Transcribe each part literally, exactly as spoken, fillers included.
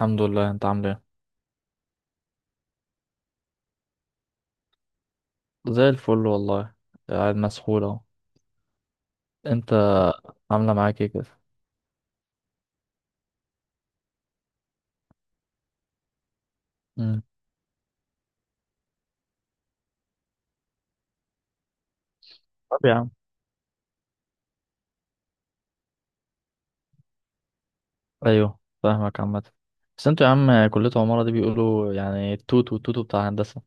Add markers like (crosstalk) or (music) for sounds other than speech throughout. الحمد لله، انت عامل ايه؟ زي الفل والله. قاعد مسحول اهو. انت، عامله معاك ايه كده؟ امم. طب يا عم، ايوه فاهمك عامه. بس انتوا يا عم كليه عماره دي بيقولوا يعني التوت والتوتو بتاع هندسه،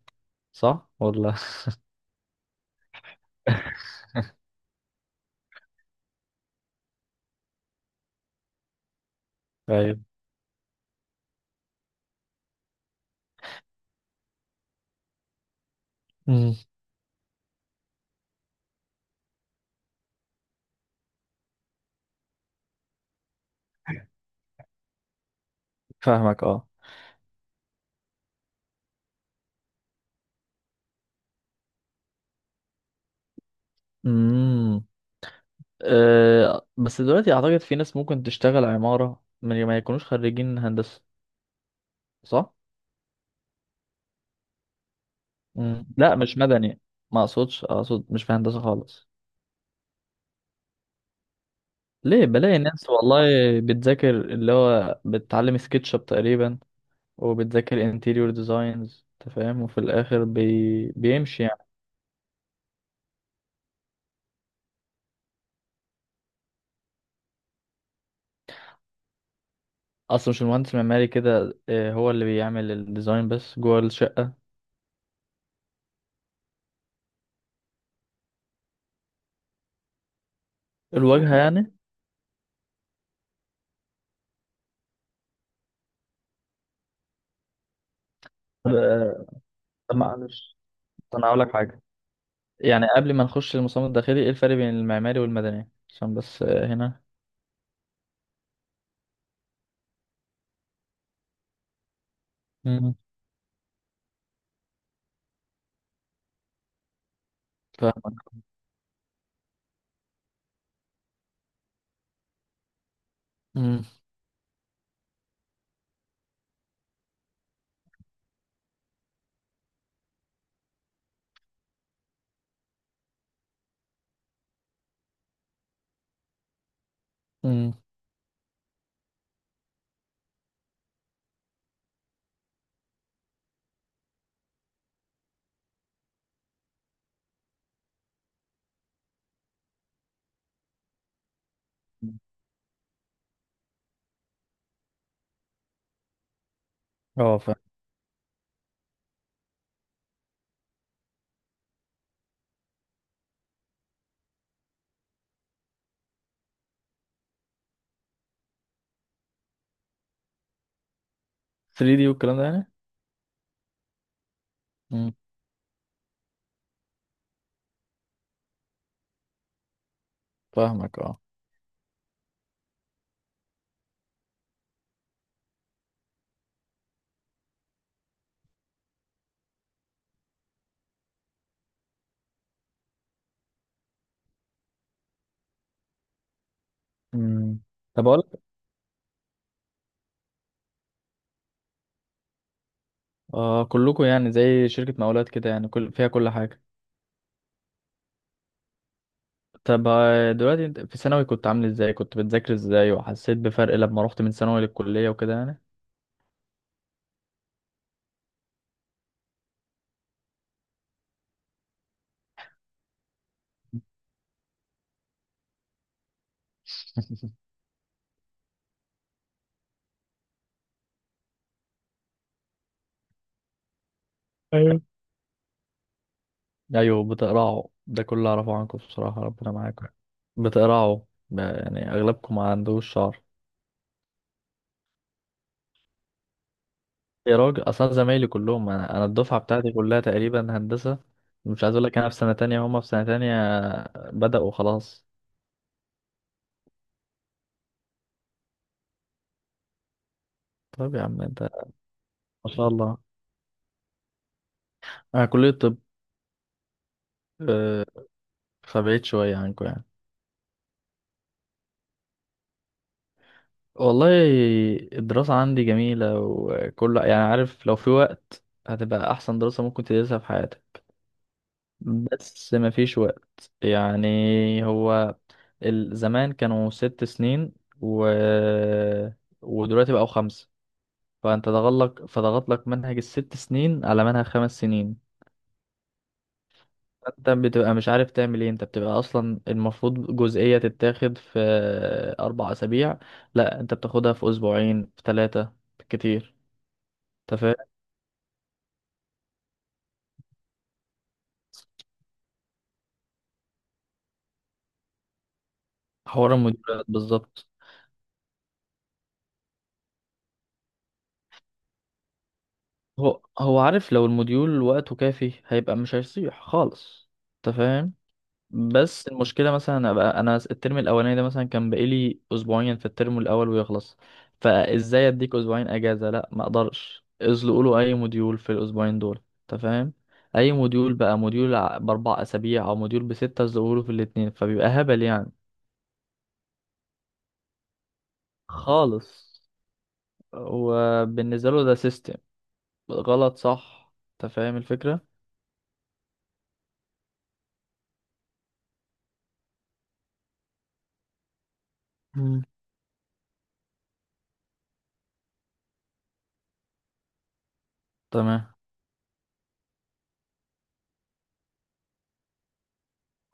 صح ولا؟ (laughs) ايوه. امم. فاهمك اه. امم. اه، بس دلوقتي اعتقد في ناس ممكن تشتغل عماره من غير ما يكونوش خريجين هندسه. صح. امم، لا مش مدني. ما اقصدش اقصد مش في هندسه خالص. ليه بلاقي ناس والله بتذاكر اللي هو بتتعلم سكتش اب تقريبا. وبتذاكر انتيريور ديزاينز، انت فاهم، وفي الاخر بي... بيمشي يعني. اصلا مش المهندس المعماري كده، آه، هو اللي بيعمل الديزاين بس جوه الشقة. الواجهة يعني. طب آه، طب معلش، طب انا هقول لك حاجة. يعني قبل ما نخش للمصمم الداخلي، ايه الفرق بين المعماري والمدني عشان بس آه، هنا. مم. فاهمك. مم. مم. اه فاهم. تري دي والكلام ده يعني. مم. فاهمك اه. مم. طب اقول، آه كلكم يعني زي شركة مقاولات كده، يعني كل فيها كل حاجة. طب آه، دلوقتي انت في ثانوي كنت عامل ازاي، كنت بتذاكر ازاي، وحسيت بفرق لما رحت من ثانوي للكلية وكده يعني. (laughs) ايوه. ايوه بتقرعوا ده كله اعرفه عنكم بصراحة، ربنا معاكم. بتقرعوا. ب- يعني اغلبكم ما عندوش شعر. يا راجل اصلا زمايلي كلهم، انا انا الدفعة بتاعتي كلها تقريبا هندسة. مش عايز اقول لك، انا في سنة تانية هما في سنة تانية. بدأوا خلاص. طب يا عم انت، ما شاء الله. انا كلية طب. آه، فبعيد شوية عنكم يعني. والله الدراسة عندي جميلة، وكل يعني عارف لو في وقت هتبقى أحسن دراسة ممكن تدرسها في حياتك. بس مفيش وقت يعني. هو ال- زمان كانوا ست سنين، و... ودلوقتي بقوا خمسة. فأنت ضغط لك فضغط لك منهج الست سنين على منهج خمس سنين. انت بتبقى مش عارف تعمل ايه. انت بتبقى اصلا المفروض جزئية تتاخد في اربع اسابيع، لا انت بتاخدها في اسبوعين، في ثلاثة كتير. انت فاهم، حوار الموديولات بالظبط. هو هو عارف لو الموديول وقته كافي هيبقى مش هيصيح خالص. انت فاهم. بس المشكلة مثلا أبقى أنا الترم الأولاني ده مثلا كان بقالي أسبوعين في الترم الأول ويخلص. فإزاي أديك أسبوعين أجازة؟ لأ، ما أقدرش ازلقوا له أي موديول في الأسبوعين دول، أنت فاهم. أي موديول بقى، موديول ع- بأربع أسابيع أو موديول بستة، ازلقوا له في الاتنين فبيبقى هبل يعني. خالص. وبالنسبة له ده سيستم غلط، صح، أنت فاهم الفكرة. مم. تمام.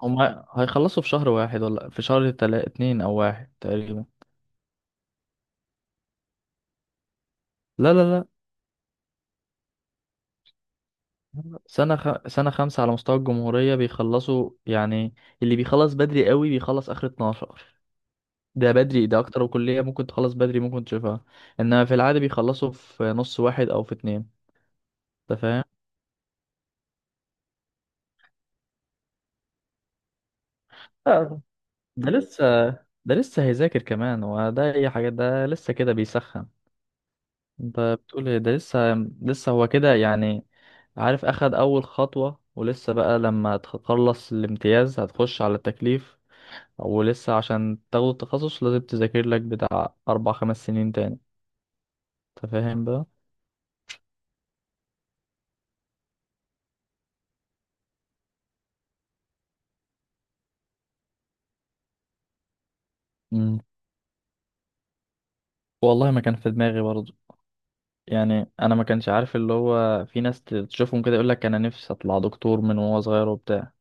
هم هيخلصوا في شهر واحد ولا في شهر تلا اتنين، أو واحد تقريبا. لا لا لا، سنة خ... سنة خمسة على مستوى الجمهورية بيخلصوا يعني. اللي بيخلص بدري قوي بيخلص آخر اتناشر. ده بدري، ده أكتر، وكلية ممكن تخلص بدري ممكن تشوفها. إنما في العادة بيخلصوا في نص واحد أو في اتنين. أنت فاهم؟ آه، ده لسه. ده لسه هيذاكر كمان، وده أي حاجة، ده لسه كده بيسخن. أنت بتقول إيه؟ ده لسه. لسه هو كده يعني، عارف، أخد أول خطوة، ولسه بقى لما تخلص الامتياز هتخش على التكليف. ولسه عشان تاخد التخصص لازم تذاكر لك بتاع أربع خمس سنين تاني. أنت فاهم بقى؟ مم. والله ما كان في دماغي برضه. يعني أنا ما كانش عارف، اللي هو في ناس تشوفهم كده يقول لك أنا نفسي أطلع دكتور من وهو صغير وبتاع.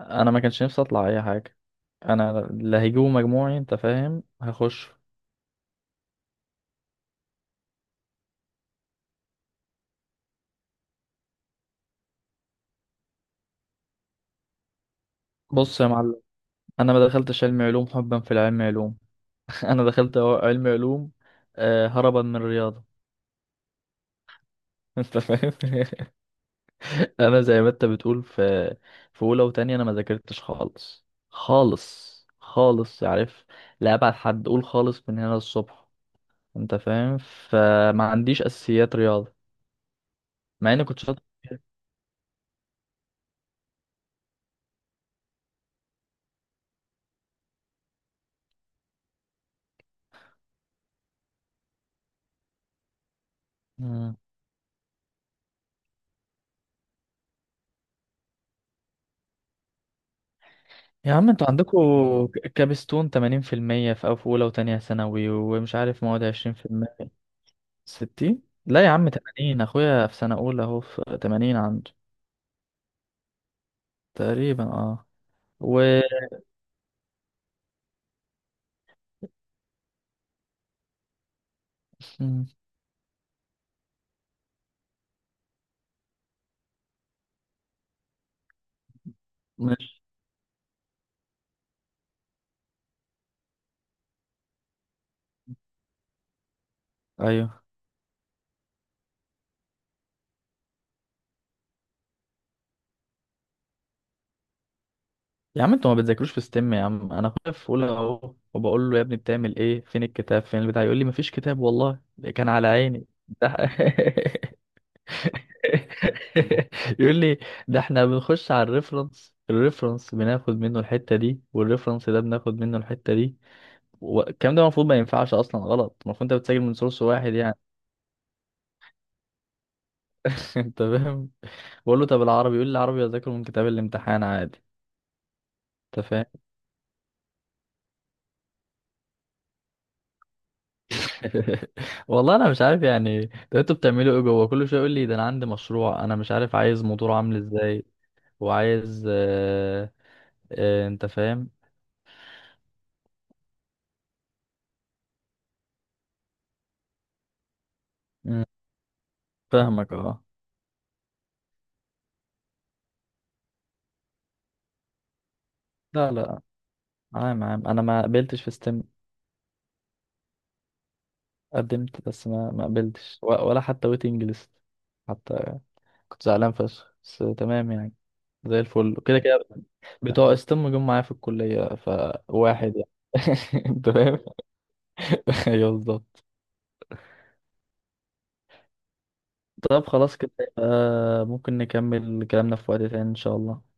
أنا ما كانش نفسي أطلع أي حاجة. أنا اللي هيجيبه مجموعي، أنت فاهم، هخش. بص يا معلم، أنا ما دخلتش علم علوم حبا في العلم علوم. (laughs) أنا دخلت علم علوم آه، هربا من الرياضة. (laughs) أنت فاهم؟ انا زي ما انت بتقول، في في اولى وتانية انا ما ذاكرتش خالص خالص خالص، عارف، لا ابعد حد، قول خالص من هنا للصبح. انت فاهم. فما عنديش اساسيات رياضه، مع اني كنت شاطر فيها. مم. يا عم انتوا عندكوا ك- كابستون ثمانين في المية في المية في أو في اولى وتانية ثانوي، ومش عارف مواد عشرين في المية. ستين، لا يا عم، تمانين. اخويا في سنه اولى اهو في تمانين عنده تقريبا، اه. و مم. ماشي. ايوه. يا عم انتوا ما بتذاكروش في ستيم. يا عم انا اخويا في اولى اهو، وبقول له يا ابني بتعمل ايه، فين الكتاب فين البتاع، يقول لي مفيش كتاب، والله ده كان على عيني. ده (laughs) يقول لي، ده احنا بنخش على الريفرنس، الريفرنس بناخد منه الحتة دي والريفرنس ده بناخد منه الحتة دي. والكلام ده المفروض ما ينفعش اصلا، غلط. المفروض انت بتسجل من سورس واحد يعني. (laughs) انت فاهم. بقول له طب العربي، يقول لي العربي اذاكره من كتاب الامتحان عادي. انت فاهم. (laughs) والله انا مش عارف يعني. ده انتوا بتعملوا ايه جوه؟ كل شويه يقول لي ده انا عندي مشروع، انا مش عارف عايز موتور عامل ازاي، وعايز آه آه انت فاهم. مم، فاهمك اه. لا لا، عام عام انا ما قبلتش في ستيم. قدمت بس ما ما قبلتش، و- ولا حتى ويتنج ليست حتى. كنت زعلان فشخ بس تمام يعني، زي الفل كده كده. بتوع ستيم جم معايا في الكليه فواحد يعني. (laughs) انت فاهم. (laughs) ايوه بالظبط. طب خلاص كده، آه ممكن نكمل كلامنا في وقت تاني إن شاء الله.